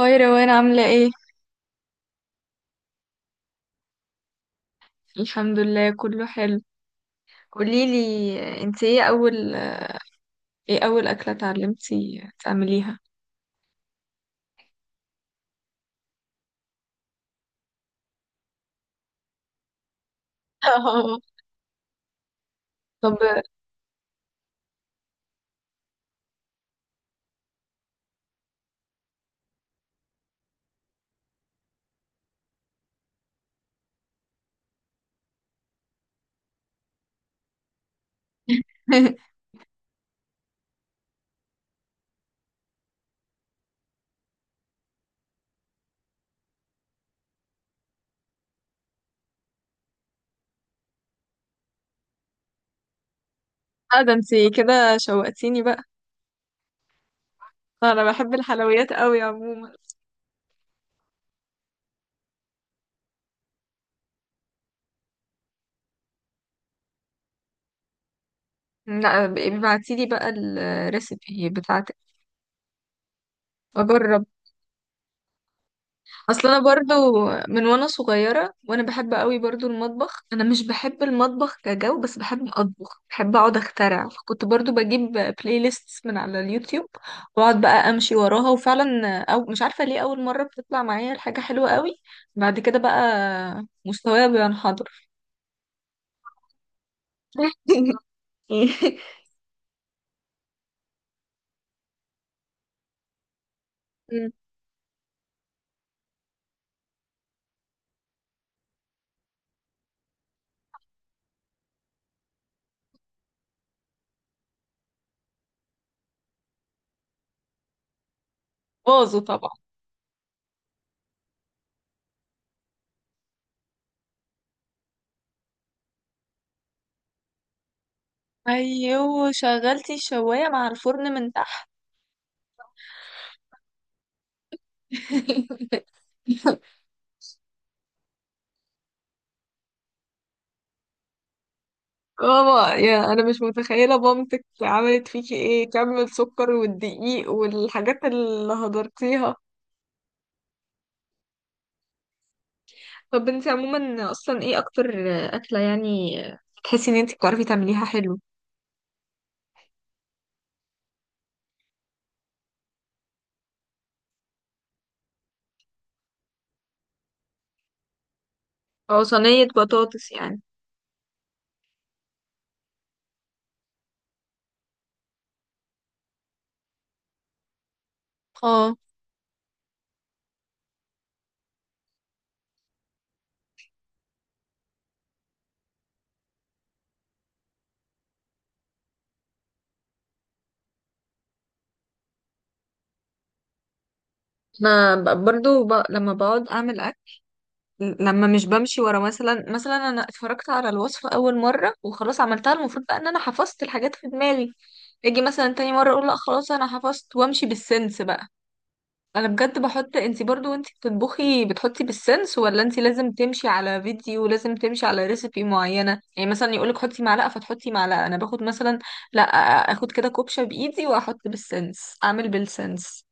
هاي روان عاملة ايه؟ الحمد لله كله حلو. قوليلي، انت ايه أول ايه أول أكلة اتعلمتي تعمليها؟ اه. طب اه، ده انت كده شوقتيني بقى. أنا بحب الحلويات قوي عموما. لا، ابعتيلي بقى الريسيبي بتاعتك، أجرب. اصل انا برضو من وانا صغيره وانا بحب قوي برضو المطبخ، انا مش بحب المطبخ كجو بس بحب اطبخ، بحب اقعد اخترع، فكنت برضو بجيب بلاي ليست من على اليوتيوب واقعد بقى امشي وراها، وفعلا او مش عارفه ليه اول مره بتطلع معايا الحاجه حلوه قوي. بعد كده بقى مستواي بينحدر. مم. باظوا طبعا. ايوه شغلتي الشوايه مع الفرن من تحت. ماما، يا انا مش متخيله مامتك عملت فيكي ايه، كم السكر والدقيق والحاجات اللي هدرتيها. طب انت عموما اصلا ايه اكتر اكله يعني تحسي ان انت بتعرفي تعمليها حلو؟ او صينيه بطاطس يعني؟ اه، برضو ب... لما بقعد اعمل اكل، لما مش بمشي ورا، مثلا انا اتفرجت على الوصفه اول مره وخلاص عملتها، المفروض بقى ان انا حفظت الحاجات في دماغي. اجي مثلا تاني مره اقول لا خلاص انا حفظت وامشي بالسنس بقى. انا بجد بحط، انتي برضو وانتي بتطبخي بتحطي بالسنس، ولا انتي لازم تمشي على فيديو ولازم تمشي على ريسيبي معينة يعني مثلا يقولك حطي معلقة فتحطي معلقة؟ انا باخد مثلا، لا، اخد كده كوبشة بايدي واحط بالسنس، اعمل بالسنس.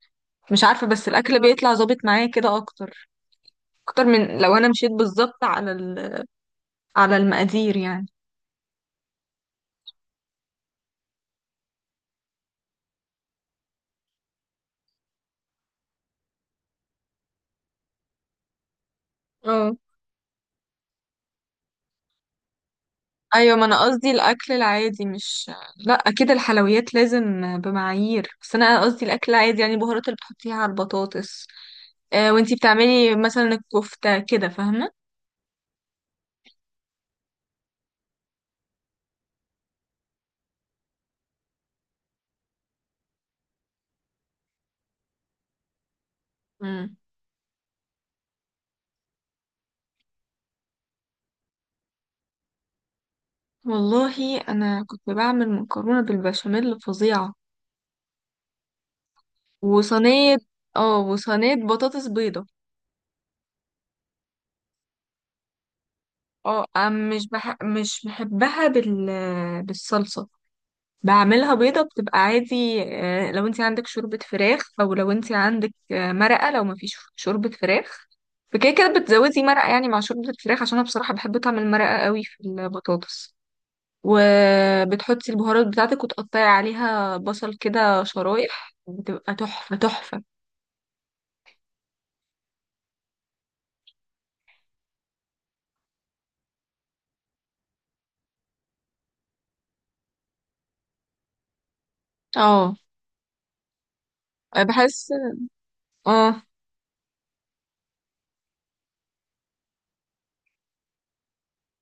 مش عارفة بس الاكل بيطلع ظابط معايا كده اكتر، اكتر من لو انا مشيت بالظبط على ال... على المقادير يعني. ايوه، ما انا قصدي الاكل العادي، مش... لا اكيد الحلويات لازم بمعايير، بس انا قصدي الاكل العادي، يعني البهارات اللي بتحطيها على البطاطس. آه، وانتي بتعملي مثلا الكفتة كده، فاهمة؟ مم. والله انا كنت بعمل مكرونة بالبشاميل فظيعة. وصينية، اه، وصينية بطاطس بيضة. اه، مش بحبها بال... بالصلصة. بعملها بيضة بتبقى عادي. آه، لو انت عندك شوربة فراخ، او لو انت عندك آه، مرقة لو مفيش شوربة فراخ. فكده كده بتزودي مرقة يعني مع شوربة الفراخ عشان انا بصراحة بحب طعم المرقة قوي في البطاطس. وبتحطي البهارات بتاعتك وتقطعي عليها بصل كده شرايح، بتبقى تحفة تحفة. اه بحس، اه.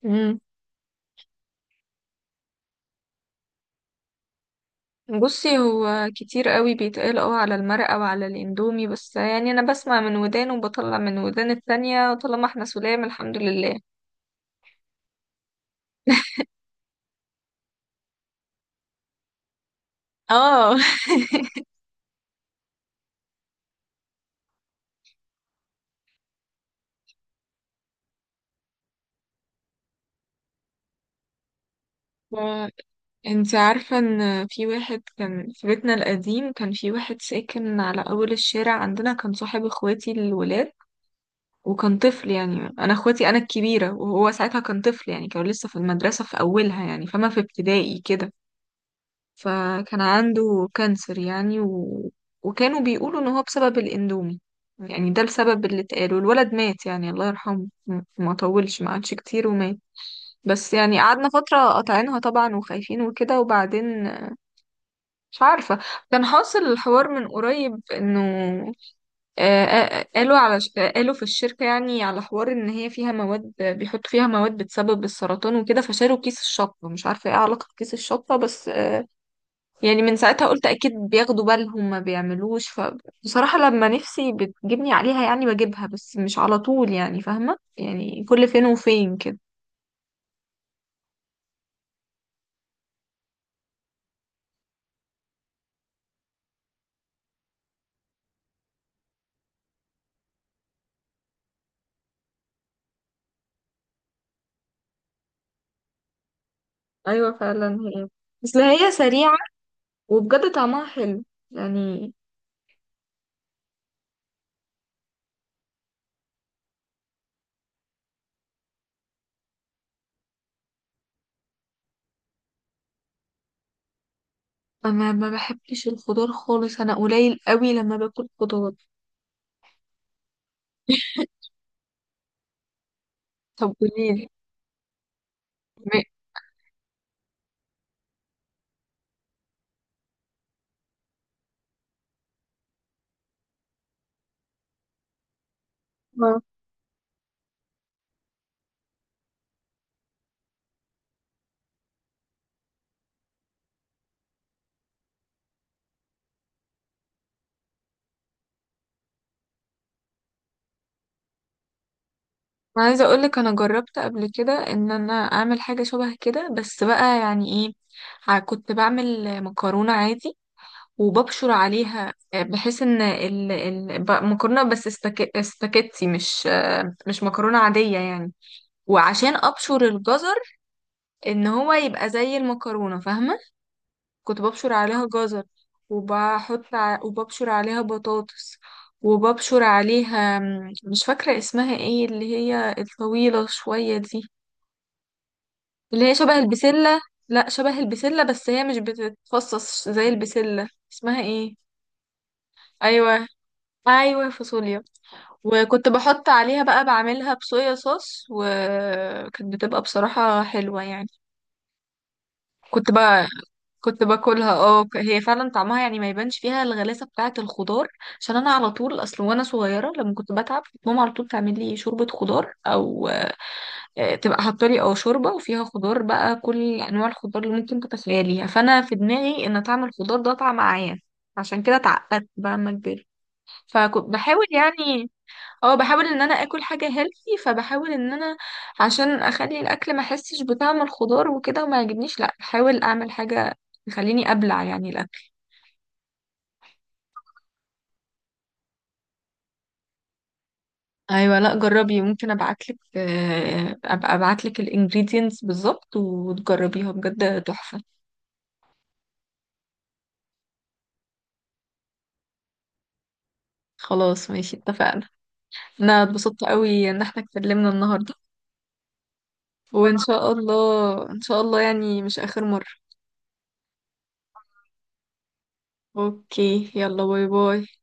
مم. بصي، هو كتير قوي بيتقال اه على المرقة وعلى الاندومي، بس يعني انا بسمع من ودان وبطلع من ودان التانية، طالما احنا سلام الحمد لله. اه ف- انت عارفة ان في واحد كان في بيتنا القديم، كان في واحد ساكن على اول الشارع عندنا، كان صاحب اخواتي الولاد. وكان طفل، يعني انا اخواتي انا الكبيرة وهو ساعتها كان طفل، يعني كان لسه في المدرسة في اولها يعني، فما في ابتدائي كده. فكان عنده كانسر يعني و... وكانوا بيقولوا ان هو بسبب الاندومي، يعني ده السبب اللي اتقال. والولد مات، يعني الله يرحمه، ما طولش ما قعدش كتير ومات. بس يعني قعدنا فترة قاطعينها طبعا وخايفين وكده، وبعدين مش عارفة. كان حاصل الحوار من قريب انه قالوا على قالوا في الشركة يعني على حوار ان هي فيها مواد، بيحطوا فيها مواد بتسبب السرطان وكده، فشالوا كيس الشطة. مش عارفة ايه علاقة كيس الشطة بس آه، يعني من ساعتها قلت اكيد بياخدوا بالهم، ما بيعملوش. فبصراحة لما نفسي بتجيبني عليها يعني بجيبها، بس مش على طول يعني، فاهمة يعني كل فين وفين كده. ايوه فعلا هي، بس هي سريعة وبجد طعمها حلو يعني. انا ما بحبش الخضار خالص، انا قليل قوي لما باكل خضار. طب قوليلي. م- آه. انا عايزه اقول لك انا جربت قبل كده ان انا اعمل حاجه شبه كده، بس بقى يعني ايه، كنت بعمل مكرونه عادي وببشر عليها آه، بحيث ان مكرونه، بس استكتي مش مكرونه عاديه يعني. وعشان ابشر الجزر ان هو يبقى زي المكرونه، فاهمه؟ كنت ببشر عليها جزر، وببشر عليها بطاطس، وببشر عليها مش فاكره اسمها ايه، اللي هي الطويله شويه دي، اللي هي شبه البسله، لا شبه البسله بس هي مش بتتفصص زي البسله، اسمها ايه؟ ايوه، ايوه فاصوليا. وكنت بحط عليها بقى، بعملها بصويا صوص، وكانت بتبقى بصراحة حلوة يعني. كنت بقى كنت باكلها اه، هي فعلا طعمها يعني ما يبانش فيها الغلاسة بتاعة الخضار. عشان انا على طول، اصل وانا صغيرة لما كنت بتعب كانت ماما على طول تعمل لي شوربة خضار، او آه، تبقى حاطه لي اه شوربة وفيها خضار، بقى كل انواع الخضار اللي ممكن تتخيليها. فانا في دماغي ان طعم الخضار ده طعم عيان، عشان كده اتعقدت بقى لما كبرت. فكنت بحاول يعني، اه بحاول ان انا اكل حاجه هيلثي، فبحاول ان انا عشان اخلي الاكل ما احسش بطعم الخضار وكده وما يعجبنيش، لا بحاول اعمل حاجه تخليني ابلع يعني الاكل. ايوه، لا جربي، ممكن ابعتلك آه، ابقى ابعتلك الانجريدينتس بالظبط وتجربيها، بجد تحفه. خلاص ماشي، اتفقنا. انا اتبسطت قوي ان احنا اتكلمنا النهارده، وان شاء الله ان شاء الله يعني مش اخر مره. اوكي، يلا باي باي.